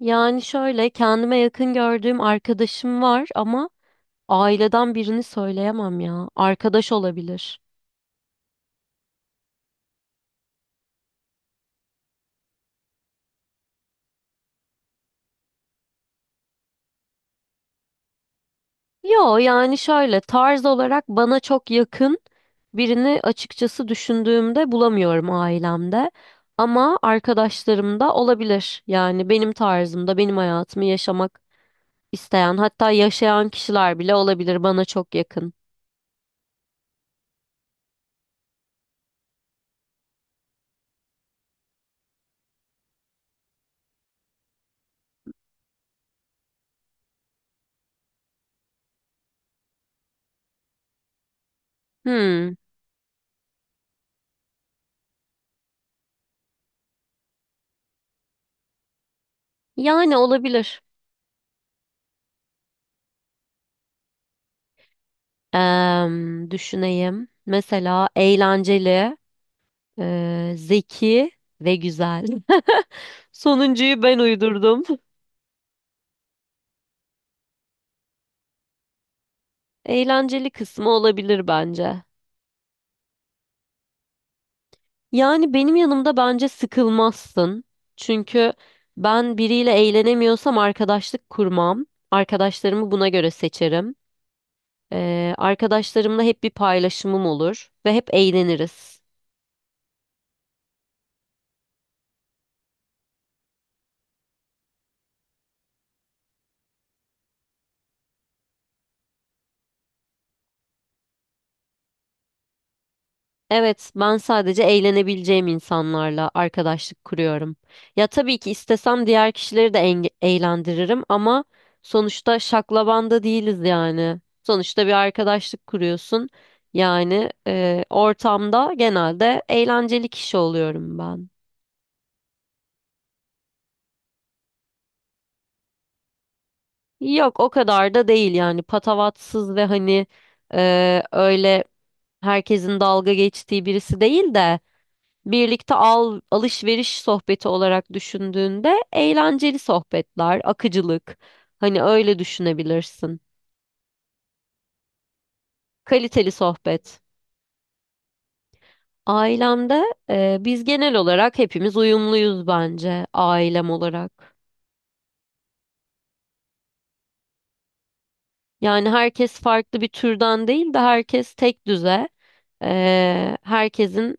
Yani şöyle kendime yakın gördüğüm arkadaşım var ama aileden birini söyleyemem ya. Arkadaş olabilir. Yo yani şöyle tarz olarak bana çok yakın birini açıkçası düşündüğümde bulamıyorum ailemde. Ama arkadaşlarımda olabilir. Yani benim tarzımda benim hayatımı yaşamak isteyen hatta yaşayan kişiler bile olabilir bana çok yakın. Hmm, yani olabilir. Düşüneyim. Mesela eğlenceli. Zeki ve güzel. Sonuncuyu ben uydurdum. Eğlenceli kısmı olabilir bence. Yani benim yanımda bence sıkılmazsın. Çünkü ben biriyle eğlenemiyorsam arkadaşlık kurmam. Arkadaşlarımı buna göre seçerim. Arkadaşlarımla hep bir paylaşımım olur ve hep eğleniriz. Evet, ben sadece eğlenebileceğim insanlarla arkadaşlık kuruyorum. Ya tabii ki istesem diğer kişileri de eğlendiririm ama sonuçta şaklabanda değiliz yani. Sonuçta bir arkadaşlık kuruyorsun. Yani ortamda genelde eğlenceli kişi oluyorum ben. Yok o kadar da değil yani patavatsız ve hani öyle herkesin dalga geçtiği birisi değil de alışveriş sohbeti olarak düşündüğünde eğlenceli sohbetler, akıcılık. Hani öyle düşünebilirsin. Kaliteli sohbet. Ailemde biz genel olarak hepimiz uyumluyuz bence ailem olarak. Yani herkes farklı bir türden değil de herkes tek düze. E, herkesin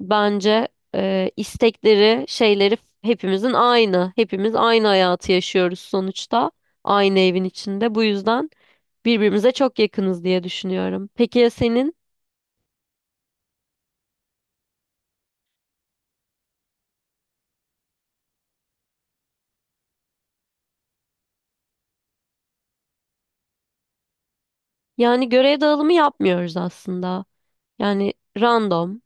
Bence e, istekleri, şeyleri hepimizin aynı. Hepimiz aynı hayatı yaşıyoruz sonuçta. Aynı evin içinde. Bu yüzden birbirimize çok yakınız diye düşünüyorum. Peki ya senin? Yani görev dağılımı yapmıyoruz aslında. Yani random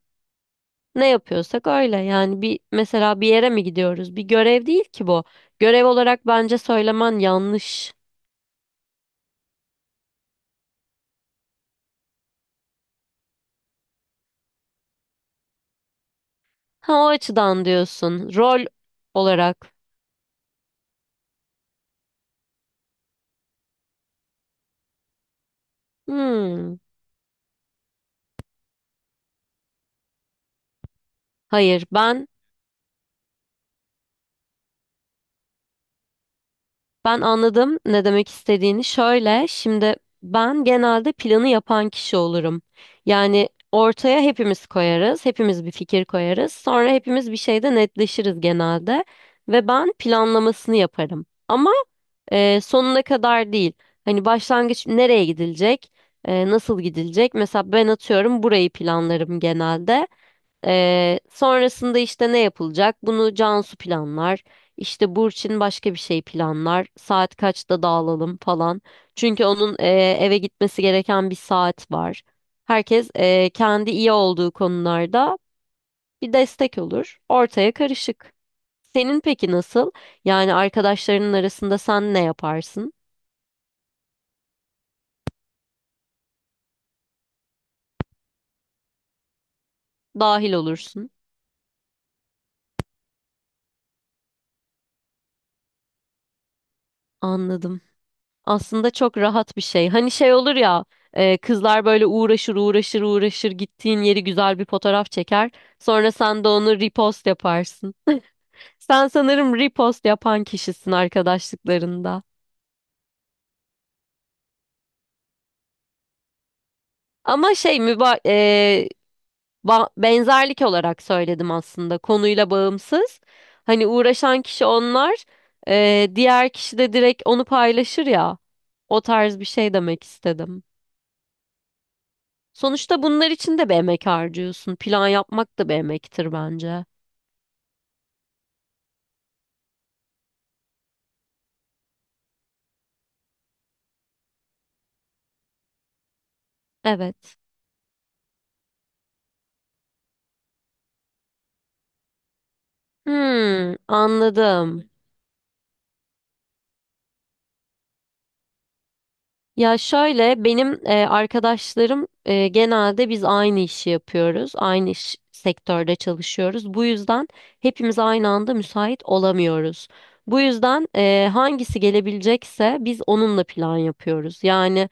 ne yapıyorsak öyle. Yani bir mesela bir yere mi gidiyoruz? Bir görev değil ki bu. Görev olarak bence söylemen yanlış. Ha o açıdan diyorsun. Rol olarak. Hmm. Hayır ben Ben anladım ne demek istediğini. Şöyle, şimdi ben genelde planı yapan kişi olurum. Yani ortaya hepimiz koyarız, hepimiz bir fikir koyarız. Sonra hepimiz bir şeyde netleşiriz genelde ve ben planlamasını yaparım. Ama sonuna kadar değil. Hani başlangıç nereye gidilecek, nasıl gidilecek? Mesela ben atıyorum burayı planlarım genelde. Sonrasında işte ne yapılacak? Bunu Cansu planlar. İşte Burçin başka bir şey planlar. Saat kaçta dağılalım falan. Çünkü onun eve gitmesi gereken bir saat var. Herkes kendi iyi olduğu konularda bir destek olur. Ortaya karışık. Senin peki nasıl? Yani arkadaşlarının arasında sen ne yaparsın? Dahil olursun. Anladım. Aslında çok rahat bir şey. Hani şey olur ya, kızlar böyle uğraşır uğraşır uğraşır gittiğin yeri güzel bir fotoğraf çeker. Sonra sen de onu repost yaparsın. Sen sanırım repost yapan kişisin arkadaşlıklarında. Ama benzerlik olarak söyledim aslında konuyla bağımsız. Hani uğraşan kişi onlar, diğer kişi de direkt onu paylaşır ya. O tarz bir şey demek istedim. Sonuçta bunlar için de bir emek harcıyorsun. Plan yapmak da bir emektir bence. Evet. Hmm, anladım. Ya şöyle benim arkadaşlarım genelde biz aynı işi yapıyoruz. Aynı iş sektörde çalışıyoruz. Bu yüzden hepimiz aynı anda müsait olamıyoruz. Bu yüzden hangisi gelebilecekse biz onunla plan yapıyoruz. Yani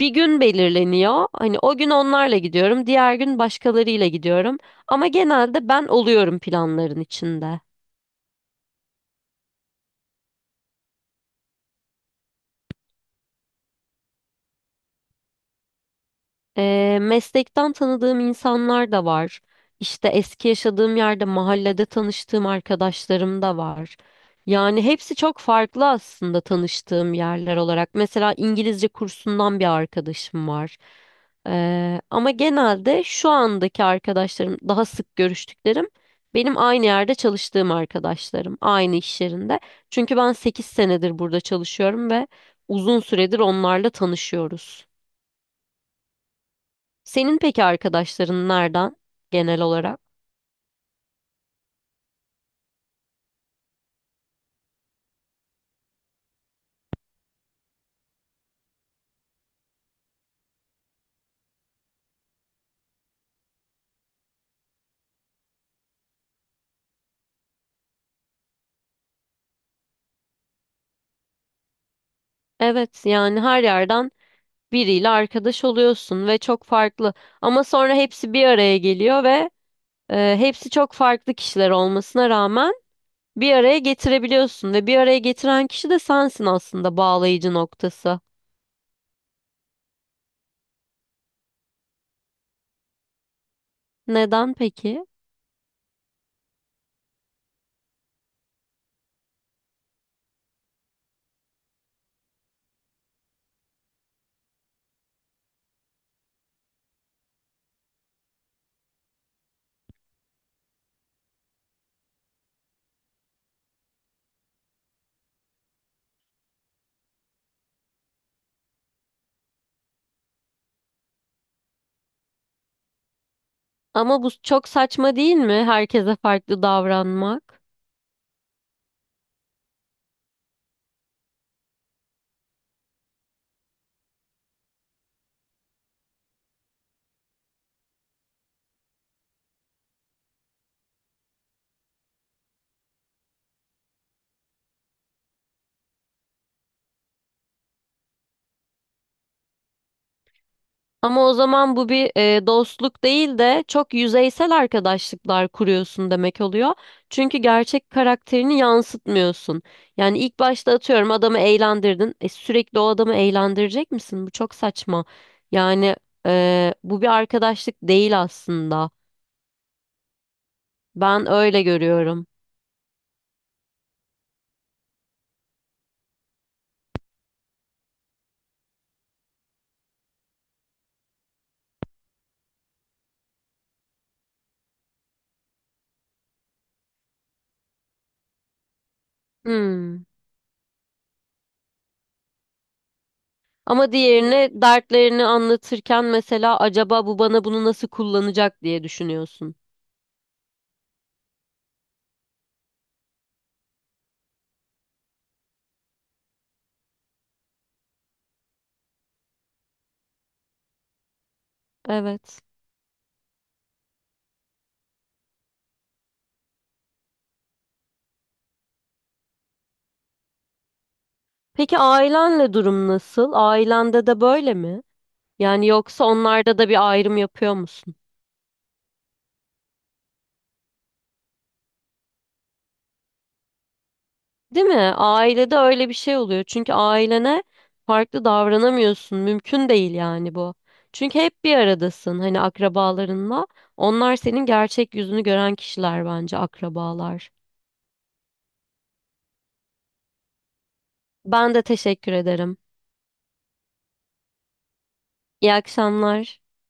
Bir gün belirleniyor. Hani o gün onlarla gidiyorum, diğer gün başkalarıyla gidiyorum. Ama genelde ben oluyorum planların içinde. Meslekten tanıdığım insanlar da var. İşte eski yaşadığım yerde mahallede tanıştığım arkadaşlarım da var. Yani hepsi çok farklı aslında tanıştığım yerler olarak. Mesela İngilizce kursundan bir arkadaşım var. Ama genelde şu andaki arkadaşlarım, daha sık görüştüklerim benim aynı yerde çalıştığım arkadaşlarım, aynı iş yerinde. Çünkü ben 8 senedir burada çalışıyorum ve uzun süredir onlarla tanışıyoruz. Senin peki arkadaşların nereden genel olarak? Evet yani her yerden biriyle arkadaş oluyorsun ve çok farklı. Ama sonra hepsi bir araya geliyor ve hepsi çok farklı kişiler olmasına rağmen bir araya getirebiliyorsun ve bir araya getiren kişi de sensin aslında bağlayıcı noktası. Neden peki? Ama bu çok saçma değil mi? Herkese farklı davranmak. Ama o zaman bu bir dostluk değil de çok yüzeysel arkadaşlıklar kuruyorsun demek oluyor. Çünkü gerçek karakterini yansıtmıyorsun. Yani ilk başta atıyorum adamı eğlendirdin. E, sürekli o adamı eğlendirecek misin? Bu çok saçma. Yani bu bir arkadaşlık değil aslında. Ben öyle görüyorum. Hmm. Ama diğerine dertlerini anlatırken mesela acaba bu bana bunu nasıl kullanacak diye düşünüyorsun. Evet. Peki ailenle durum nasıl? Ailende de böyle mi? Yani yoksa onlarda da bir ayrım yapıyor musun? Değil mi? Ailede öyle bir şey oluyor. Çünkü ailene farklı davranamıyorsun. Mümkün değil yani bu. Çünkü hep bir aradasın hani akrabalarınla. Onlar senin gerçek yüzünü gören kişiler bence akrabalar. Ben de teşekkür ederim. İyi akşamlar.